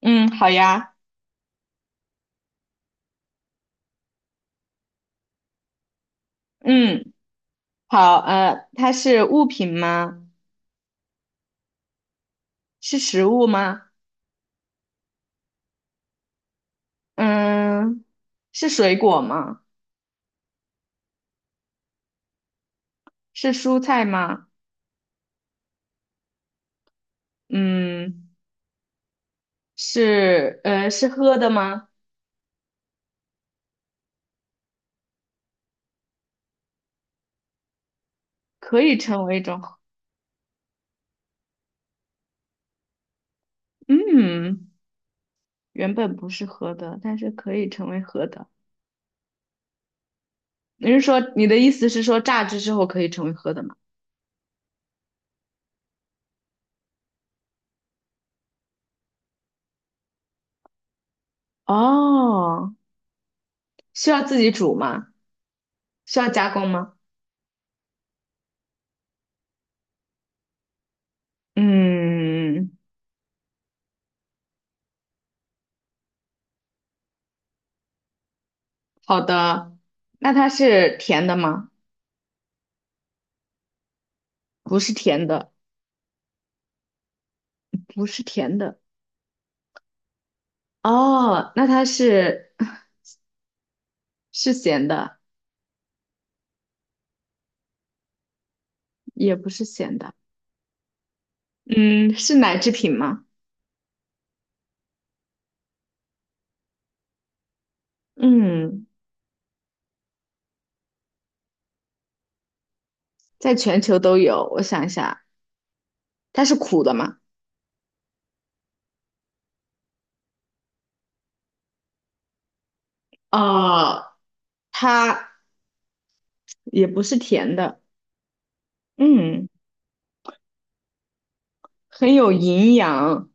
嗯，好呀。嗯，好，它是物品吗？是食物吗？嗯，是水果吗？是蔬菜吗？嗯，是喝的吗？可以成为一种。嗯，原本不是喝的，但是可以成为喝的。你是说你的意思是说榨汁之后可以成为喝的吗？哦，需要自己煮吗？需要加工吗？嗯，好的。那它是甜的吗？不是甜的，不是甜的。哦，那它是咸的，也不是咸的。嗯，是奶制品吗？嗯，在全球都有。我想一下，它是苦的吗？哦，它也不是甜的。嗯，很有营养。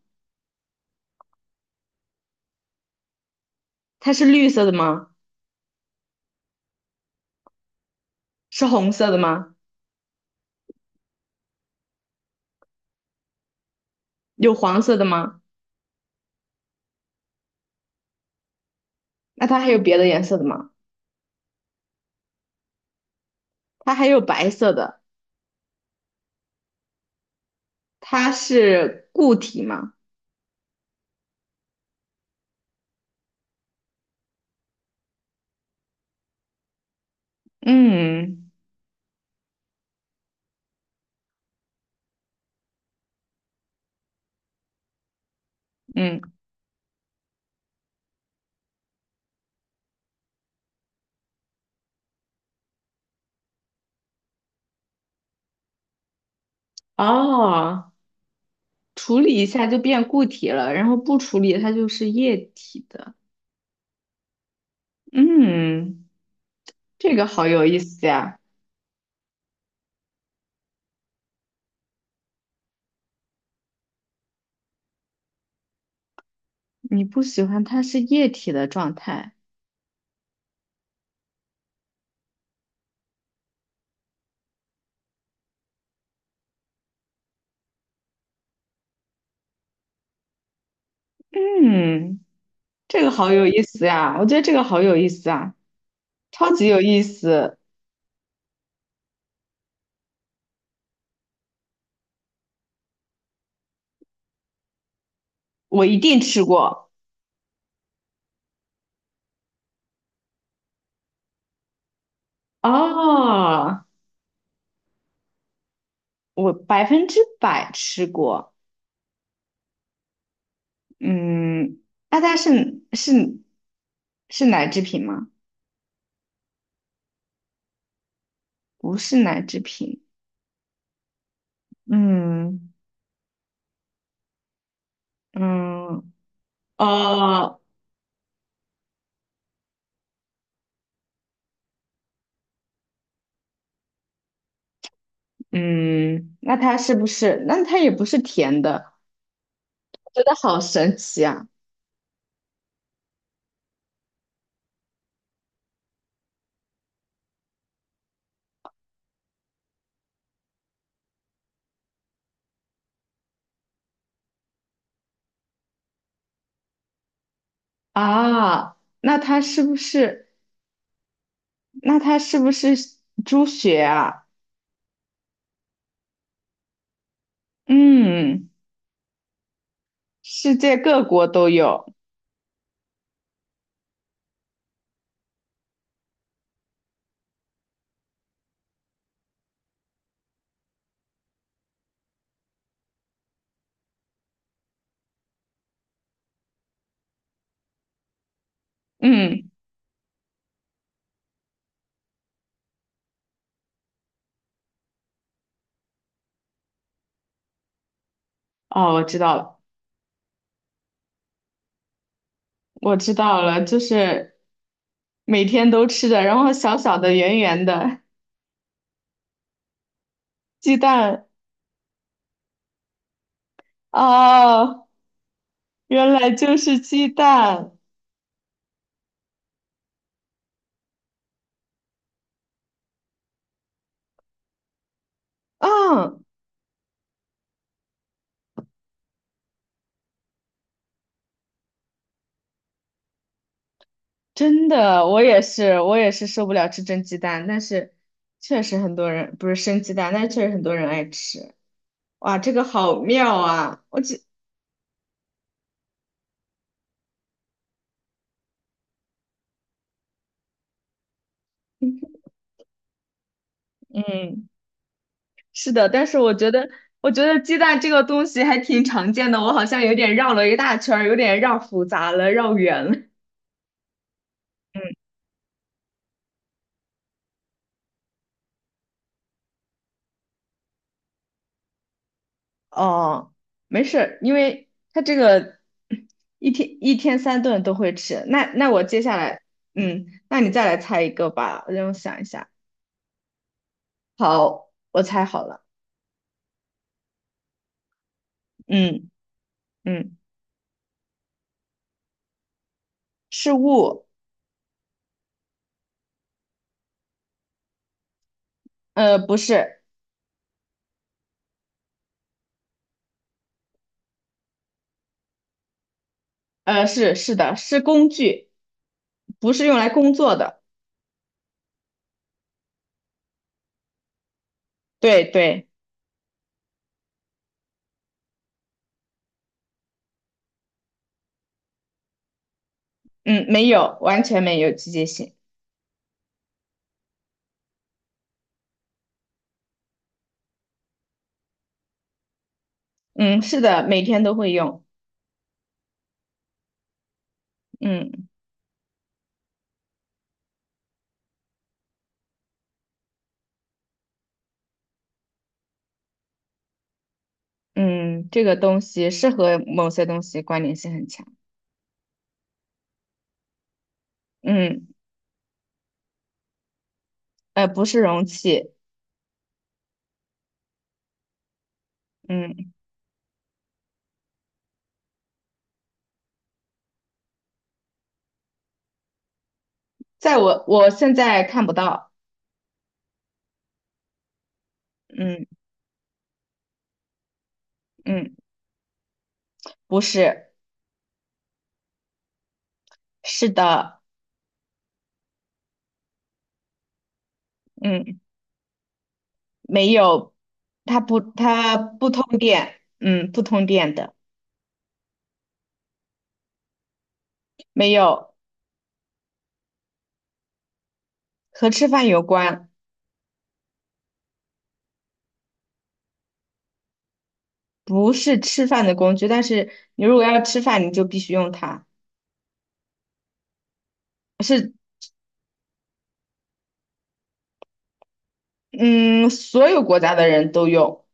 它是绿色的吗？是红色的吗？有黄色的吗？那它还有别的颜色的吗？它还有白色的。它是固体吗？嗯嗯。哦，处理一下就变固体了，然后不处理它就是液体的。嗯，这个好有意思呀！你不喜欢它是液体的状态。嗯，这个好有意思呀！我觉得这个好有意思啊，超级有意思，我一定吃过。哦，我百分之百吃过。嗯，那它是是奶制品吗？不是奶制品。嗯嗯，哦嗯，那它是不是？那它也不是甜的，我觉得好神奇啊！啊，那它是不是？那它是不是猪血啊？嗯，世界各国都有。嗯，哦，我知道了，我知道了，就是每天都吃的，然后小小的、圆圆的鸡蛋。哦，原来就是鸡蛋。嗯，真的，我也是，我也是受不了吃蒸鸡蛋，但是确实很多人不是生鸡蛋，但是确实很多人爱吃。哇，这个好妙啊！我觉，嗯，是的，但是我觉得，我觉得鸡蛋这个东西还挺常见的，我好像有点绕了一大圈儿有点绕复杂了，绕远了。嗯，哦，没事儿因为他这个一天一天三顿都会吃。那那我接下来，嗯，那你再来猜一个吧，让我想一下。好，我猜好了。嗯嗯，是物。不是。是的，是工具，不是用来工作的。对对。嗯，没有，完全没有季节性。嗯，是的，每天都会用。嗯嗯，这个东西是和某些东西关联性很强。嗯。不是容器。嗯，在我现在看不到。嗯嗯，不是。是的。嗯。没有，它不，它不通电，嗯，不通电的。没有。和吃饭有关。不是吃饭的工具，但是你如果要吃饭，你就必须用它。是。嗯，所有国家的人都用。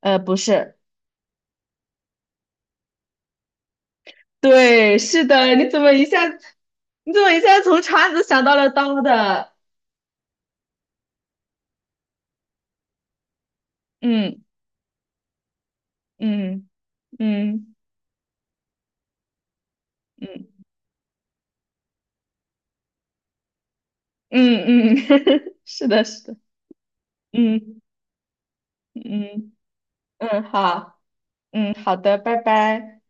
不是。对，是的，你怎么一下，你怎么一下从叉子想到了刀的？嗯嗯嗯嗯嗯嗯，是的，是的。嗯嗯嗯，好。嗯，好的，拜拜。